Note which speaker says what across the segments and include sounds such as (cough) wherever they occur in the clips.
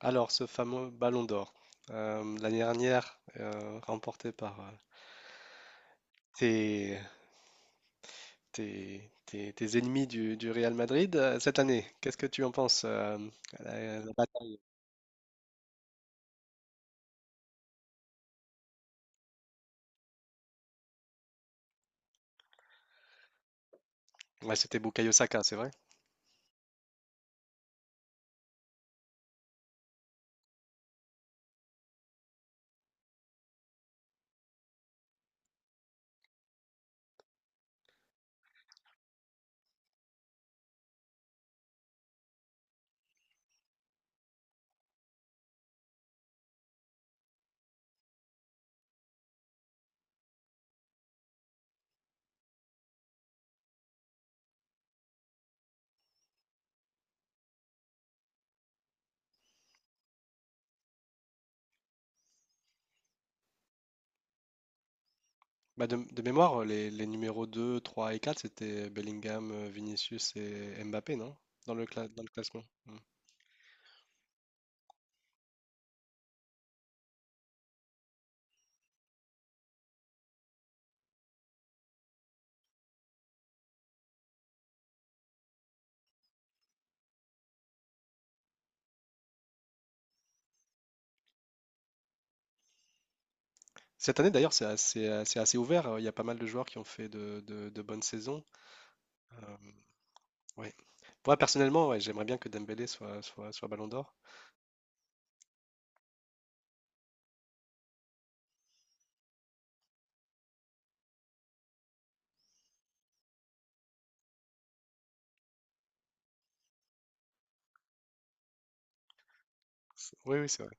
Speaker 1: Alors, ce fameux Ballon d'Or, l'année dernière, remporté par tes, tes ennemis du Real Madrid, cette année, qu'est-ce que tu en penses la bataille? Ouais, c'était Bukayo Saka, c'est vrai? Bah, de mémoire, les numéros 2 3 et 4 c'était Bellingham, Vinicius et Mbappé, non? Dans le dans le classement. Hmm. Cette année d'ailleurs, c'est assez ouvert, il y a pas mal de joueurs qui ont fait de bonnes saisons. Hem, ouais. Moi personnellement, ouais, j'aimerais bien que Dembélé soit Ballon d'or. C oui, oui, c'est vrai.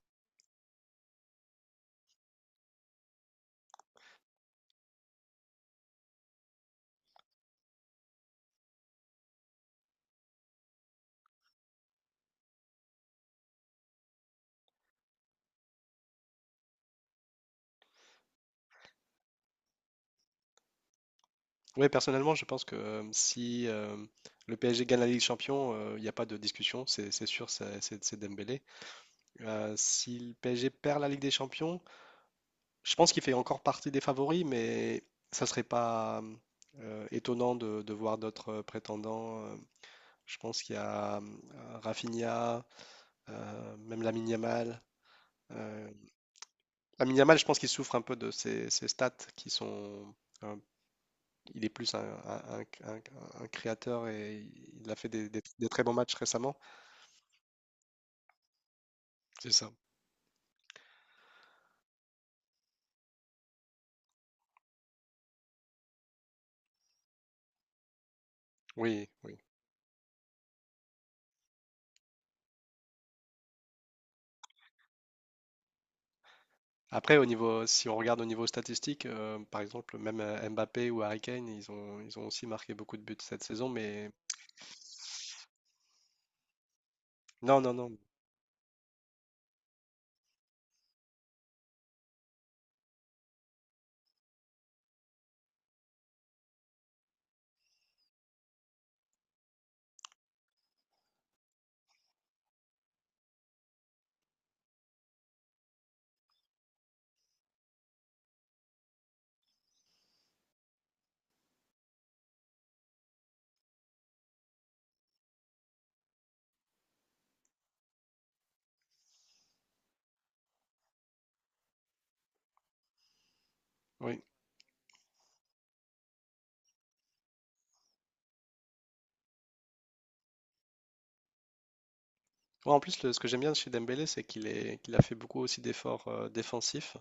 Speaker 1: Oui, personnellement, je pense que, hem, si, hem, le PSG gagne la Ligue des champions, il y a pas de discussion, c'est sûr, c'est Dembélé. Si le PSG perd la Ligue des champions, je pense qu'il fait encore partie des favoris, mais ça serait pas, étonnant de voir d'autres, prétendants, hem. Je pense qu'il y a, Rafinha, même la Yamal. Euh, Lamine Yamal, je pense qu'il souffre un peu de ses stats qui sont. euh, il est plus un un créateur et il a fait des très bons matchs récemment. C'est ça. Oui, oui. Après, au niveau, si on regarde au niveau statistique, par exemple, même Mbappé ou Harry Kane, ils ont aussi marqué beaucoup de buts cette saison, mais non, non, non. Oui. Ouais, en plus, ce que j'aime bien chez Dembélé, qu'il a fait beaucoup aussi d'efforts défensifs.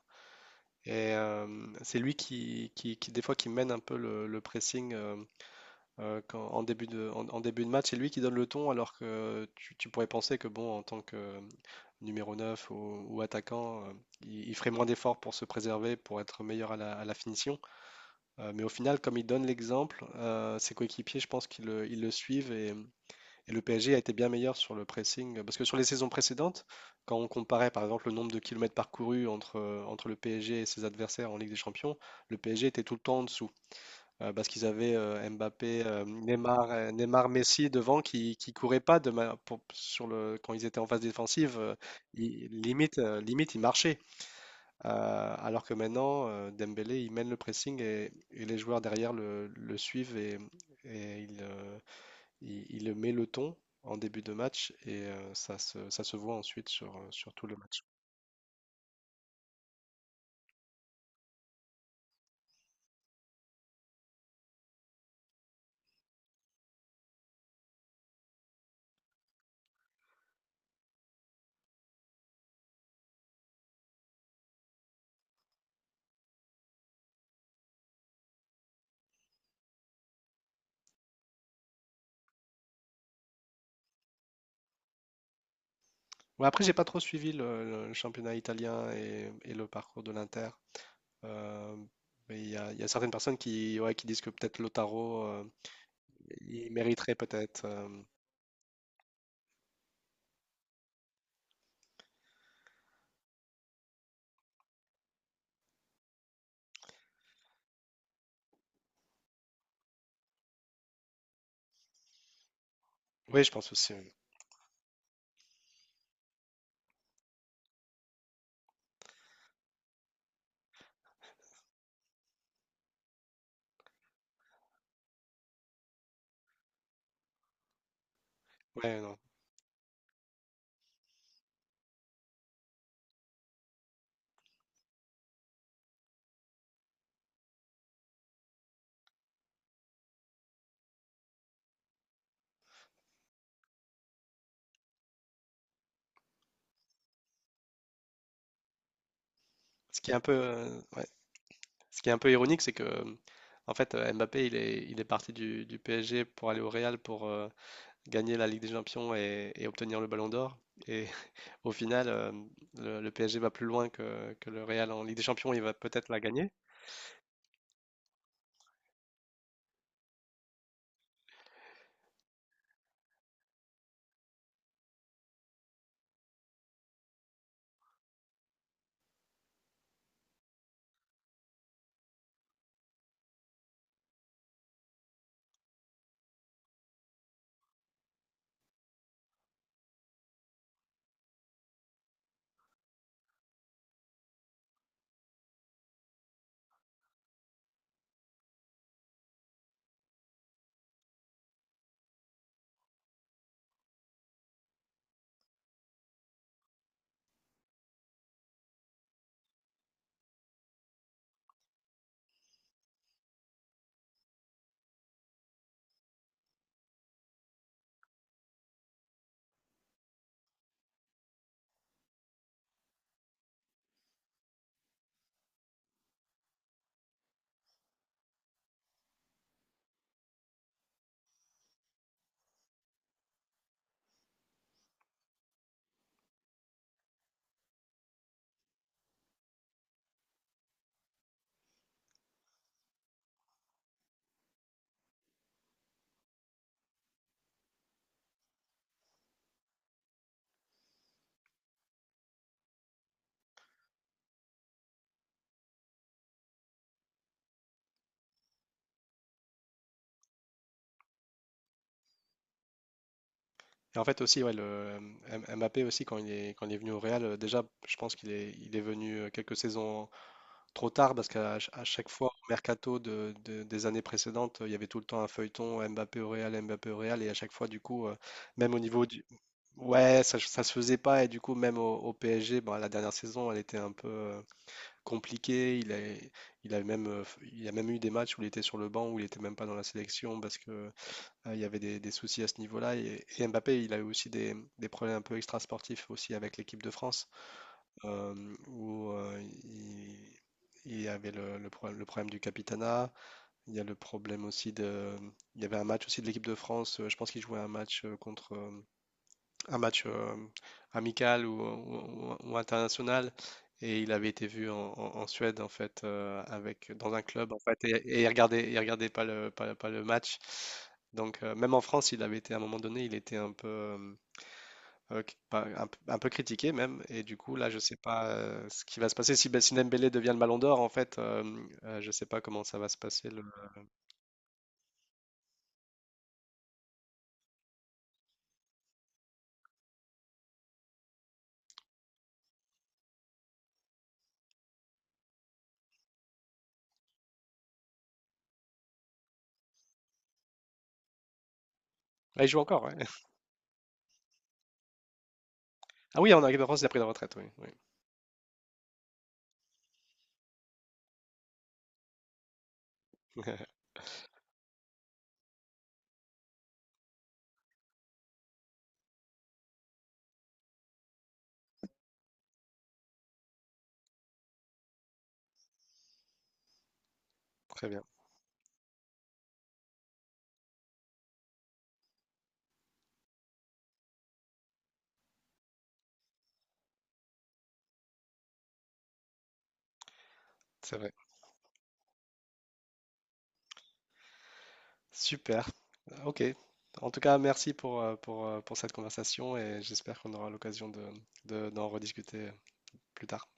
Speaker 1: Et c'est lui qui, des fois, qui mène un peu le pressing en début en, en début de match. C'est lui qui donne le ton, alors que tu pourrais penser que, bon, en tant que numéro 9 ou attaquant, il ferait moins d'efforts pour se préserver, pour être meilleur à à la finition. Mais au final, comme il donne l'exemple, ses coéquipiers, je pense qu'ils ils le suivent et le PSG a été bien meilleur sur le pressing. Euh, parce que sur les saisons précédentes, quand on comparait par exemple le nombre de kilomètres parcourus entre, entre le PSG et ses adversaires en Ligue des Champions, le PSG était tout le temps en dessous. Parce qu'ils avaient Mbappé, Neymar, Messi devant qui couraient pas de ma- pour- sur le, quand ils étaient en phase défensive. Limite, ils marchaient. Alors que maintenant, Dembélé, il mène le pressing et les joueurs derrière le suivent et ils, il met le ton en début de match et ça se voit ensuite sur, sur tout le match. Ouais, après, j'ai pas trop suivi le championnat italien et le parcours de l'Inter. Euh, mais il y a certaines personnes qui, ouais, qui disent que peut-être Lautaro, il mériterait peut-être. Euh, oui, je pense aussi. Oui. Ouais, non. Ce qui est un peu, ouais. Ce qui est un peu ironique, c'est que en fait, Mbappé, il est parti du PSG pour aller au Real pour gagner la Ligue des Champions et obtenir le Ballon d'Or. Et au final, le PSG va plus loin que le Real en Ligue des Champions, il va peut-être la gagner. Et en fait aussi, ouais, le Mbappé aussi, quand il est venu au Real, déjà, je pense il est venu quelques saisons trop tard parce à chaque fois, au mercato des années précédentes, il y avait tout le temps un feuilleton Mbappé au Real, et à chaque fois, du coup, même au niveau du... Ouais, ça se faisait pas, et du coup, même au PSG, bon, la dernière saison, elle était un peu... compliqué. Il a même, il a même eu des matchs où il était sur le banc, où il était même pas dans la sélection parce que il y avait des soucis à ce niveau-là. Et Mbappé, il a eu aussi des problèmes un peu extrasportifs aussi avec l'équipe de France, où il y avait le problème du capitanat. Il y a le problème aussi de, il y avait un match aussi de l'équipe de France. Euh, je pense qu'il jouait un match contre un match amical ou international. Et il avait été vu en Suède, en fait, avec, dans un club, en fait, et il regardait pas le match. Donc, même en France, il avait été, à un moment donné, il était un peu, un peu critiqué, même. Et du coup, là, je sais pas ce qui va se passer. Si, si Dembélé devient le Ballon d'Or, en fait, je sais pas comment ça va se passer. Le- ah, il joue encore, ouais. (laughs) Ah oui, en équipe de France, il a pris la retraite, oui. Oui. (laughs) Très bien, c'est vrai. Super. Ok. En tout cas, merci pour cette conversation et j'espère qu'on aura l'occasion de, d'en rediscuter plus tard.